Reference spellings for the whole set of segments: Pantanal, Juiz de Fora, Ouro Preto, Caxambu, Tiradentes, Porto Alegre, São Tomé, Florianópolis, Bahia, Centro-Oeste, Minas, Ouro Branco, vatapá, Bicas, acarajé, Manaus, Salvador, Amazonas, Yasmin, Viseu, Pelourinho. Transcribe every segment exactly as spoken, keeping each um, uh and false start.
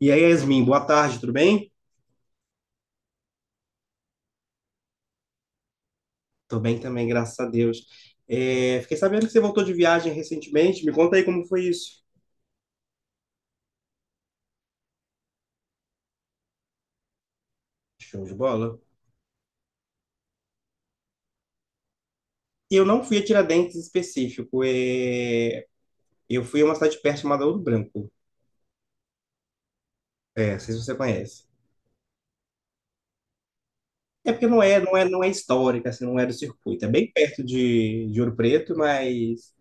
E aí, Yasmin, boa tarde, tudo bem? Tô bem também, graças a Deus. É, fiquei sabendo que você voltou de viagem recentemente. Me conta aí como foi isso. Show de bola. Eu não fui a Tiradentes em específico. é, Eu fui a uma cidade perto chamada Ouro Branco. É, não sei se você conhece. É porque não é, não é, não é histórica, assim, não é do circuito. É bem perto de, de Ouro Preto, mas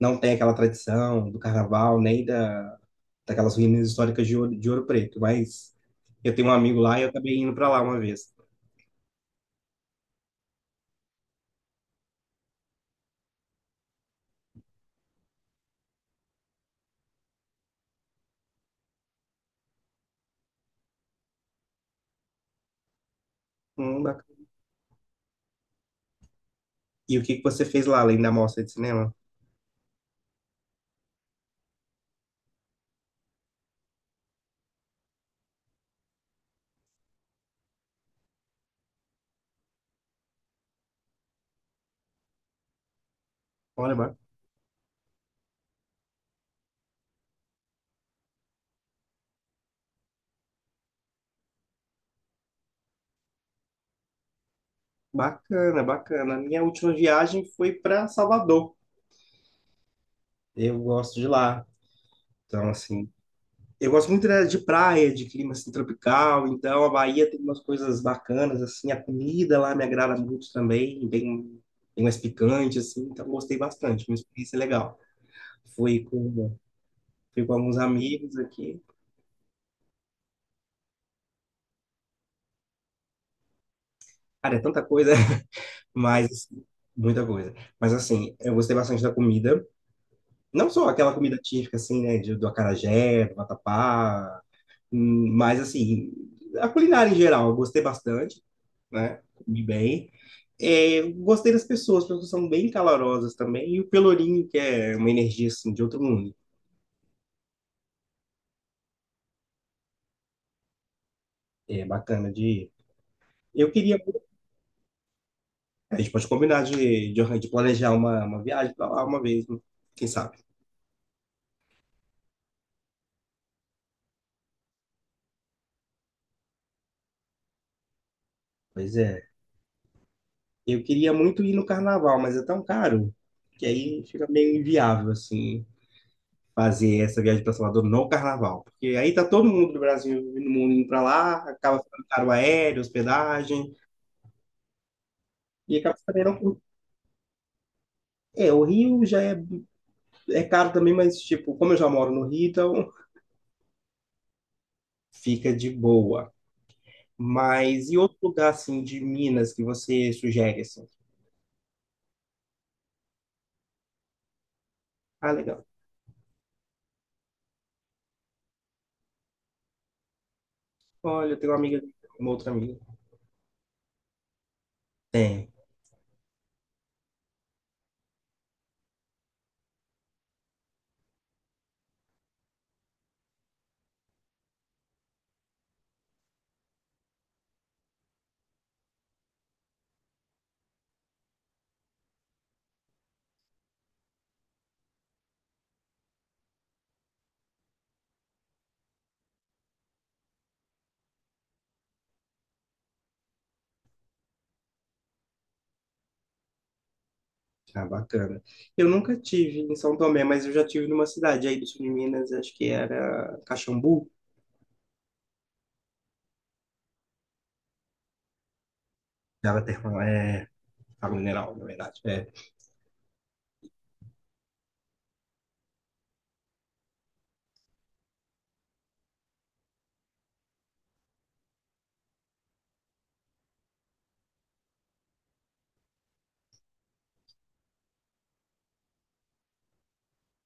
não tem aquela tradição do carnaval, nem da, daquelas ruínas históricas de Ouro, de Ouro Preto. Mas eu tenho um amigo lá e eu acabei indo para lá uma vez. Hum, bacana. E o que que você fez lá, além da mostra de cinema? Olha, ba- bacana, bacana. A minha última viagem foi para Salvador. Eu gosto de lá. Então, assim, eu gosto muito, né, de praia, de clima assim, tropical, então a Bahia tem umas coisas bacanas, assim, a comida lá me agrada muito também, bem, bem mais picante, assim, então gostei bastante, uma experiência legal. Fui com, Fui com alguns amigos aqui, cara, é tanta coisa, mas, assim, muita coisa. Mas, assim, eu gostei bastante da comida, não só aquela comida típica, assim, né, de, do acarajé, do vatapá, hum, mas, assim, a culinária em geral, eu gostei bastante. Né? Comi bem. É, eu gostei das pessoas, as pessoas são bem calorosas também. E o Pelourinho, que é uma energia assim, de outro mundo. É bacana de ir. Eu queria. A gente pode combinar de, de, de planejar uma, uma viagem para lá uma vez, né? Quem sabe? Pois é. Eu queria muito ir no carnaval, mas é tão caro que aí fica meio inviável, assim, fazer essa viagem para Salvador no carnaval. Porque aí tá todo mundo do Brasil e do mundo indo para lá, acaba ficando caro o aéreo, hospedagem, e acaba também não. É, o Rio já é. É caro também, mas, tipo, como eu já moro no Rio, então fica de boa. Mas e outro lugar, assim, de Minas que você sugere, assim? Ah, legal. Olha, eu tenho uma amiga, uma outra amiga. Tem. Ah, bacana. Eu nunca tive em São Tomé, mas eu já tive numa cidade aí do sul de Minas, acho que era Caxambu. Ela tem uma, é, água mineral, na verdade. É.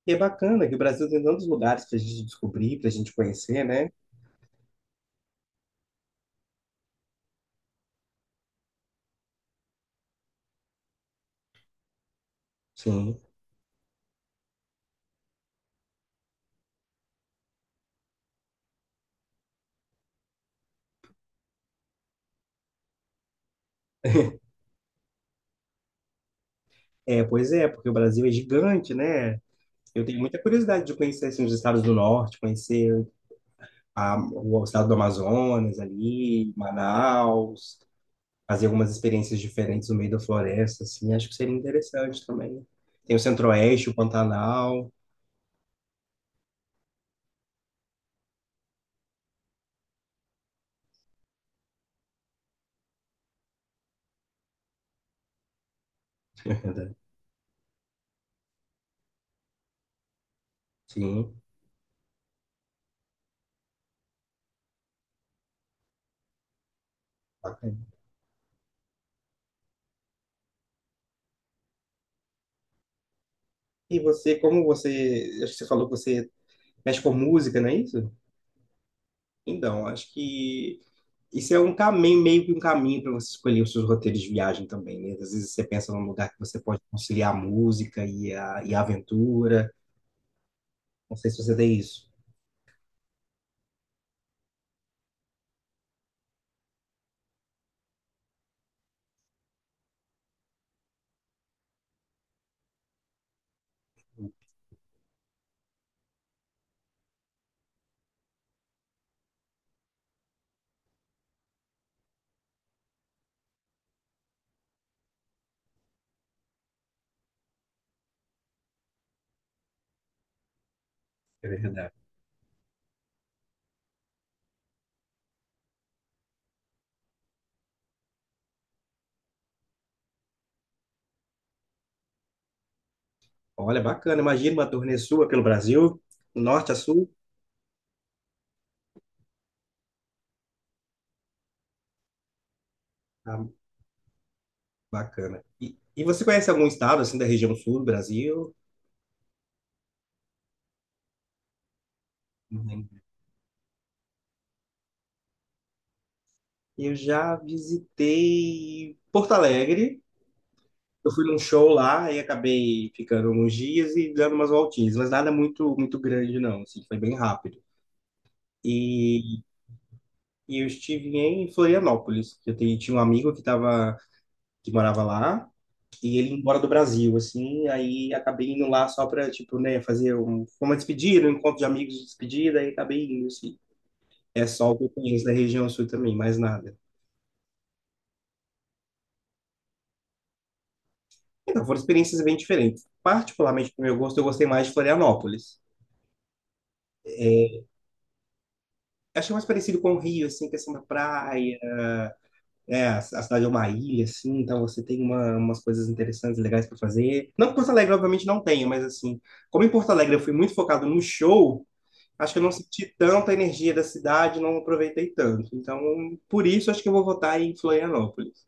E é bacana que o Brasil tem tantos lugares pra gente descobrir, pra gente conhecer, né? Sim. É, pois é, porque o Brasil é gigante, né? Eu tenho muita curiosidade de conhecer assim, os estados do norte, conhecer a, o estado do Amazonas ali, Manaus, fazer algumas experiências diferentes no meio da floresta, assim, acho que seria interessante também. Tem o Centro-Oeste, o Pantanal. Sim, bacana. E você, como você, acho que você falou que você mexe com música, não é isso? Então, acho que isso é um caminho, meio que um caminho para você escolher os seus roteiros de viagem também, né? Às vezes você pensa num lugar que você pode conciliar a música e a, e a aventura. Não sei se você tem isso. É verdade. Olha, bacana. Imagina uma turnê sua pelo Brasil, do norte a sul. Ah, bacana. E, e você conhece algum estado, assim, da região sul do Brasil? Uhum. Eu já visitei Porto Alegre. Eu fui num show lá e acabei ficando uns dias e dando umas voltinhas, mas nada muito muito grande não, assim, foi bem rápido. E, e eu estive em Florianópolis. Eu tenho- tinha um amigo que tava, que morava lá, e ele ia embora do Brasil, assim, aí acabei indo lá só para, tipo, né, fazer um, uma despedida, um encontro de amigos de despedida, aí acabei indo, assim. É só o que eu conheço da região sul também, mais nada. Então, foram experiências bem diferentes. Particularmente, pro meu gosto, eu gostei mais de Florianópolis. É, achei mais parecido com o Rio, assim, questão da praia. É, a a cidade é uma ilha, assim, então você tem uma- umas coisas interessantes, legais para fazer. Não que Porto Alegre, obviamente, não tenha, mas assim, como em Porto Alegre eu fui muito focado no show, acho que eu não senti tanta energia da cidade, não aproveitei tanto. Então, por isso, acho que eu vou votar em Florianópolis.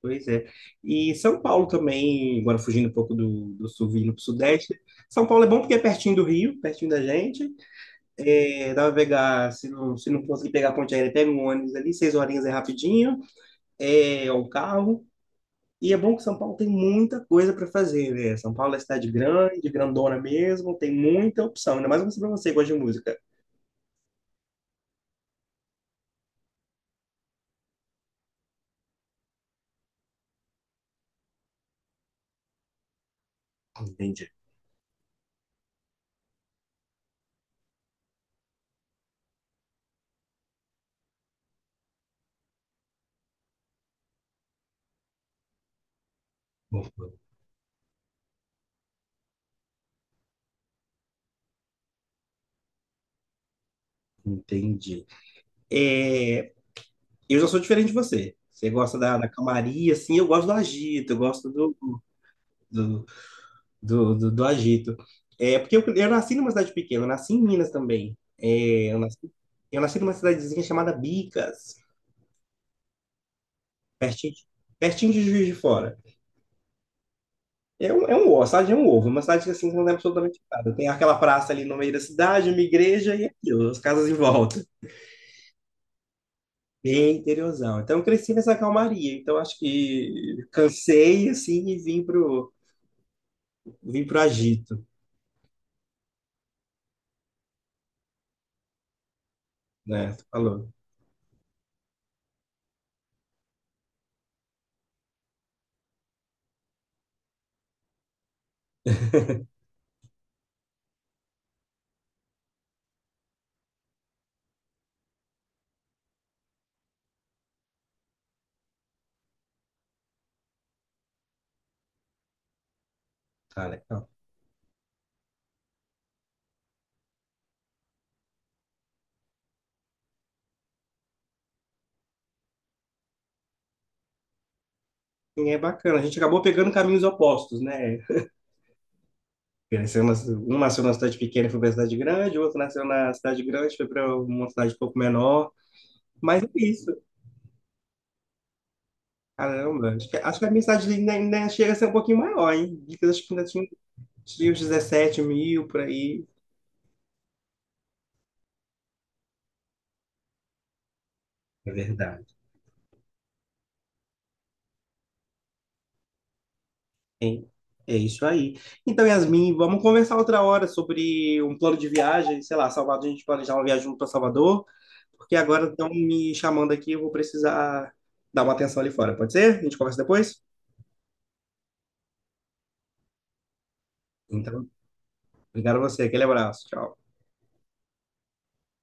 Pois é. E São Paulo também, agora fugindo um pouco do, do sul, vindo para o sudeste. São Paulo é bom porque é pertinho do Rio, pertinho da gente. É, dá pra pegar, se não, se não conseguir pegar a ponte aérea, pega um ônibus ali, seis horinhas é rapidinho, é, ou um carro. E é bom que São Paulo tem muita coisa para fazer, né? São Paulo é cidade grande, grandona mesmo, tem muita opção, ainda mais para você que gosta de música. Entendi. Entendi. É, eu já sou diferente de você. Você gosta da, da calmaria, assim, eu gosto do agito, eu gosto do, do, do, do- do agito. É, porque eu, eu nasci numa cidade pequena, eu nasci em Minas também. É, eu nasci, eu nasci numa cidadezinha chamada Bicas, pertinho de, pertinho de Juiz de Fora. É um, é um ovo, a cidade é um ovo, uma cidade que assim não tem absolutamente nada. Tem aquela praça ali no meio da cidade, uma igreja e aquilo, as casas em volta. Bem interiorzão. Então eu cresci nessa calmaria. Então acho que cansei assim e vim pro, vim pro agito, né? Tu falou. Tá legal. E é bacana. A gente acabou pegando caminhos opostos, né? Cresceu na- Um nasceu na cidade pequena e foi pra cidade grande, o outro nasceu na cidade grande, foi para uma cidade um pouco menor. Mas é isso. Caramba, acho que, acho que a minha cidade ainda, ainda chega a ser um pouquinho maior, hein? Dicas, acho que ainda tinha, tinha uns dezessete mil por aí. É verdade. Hein? É isso aí. Então, Yasmin, vamos conversar outra hora sobre um plano de viagem, sei lá, Salvador, a gente planejar uma viagem para Salvador, porque agora estão me chamando aqui, eu vou precisar dar uma atenção ali fora, pode ser? A gente conversa depois? Então, obrigado a você, aquele abraço, tchau.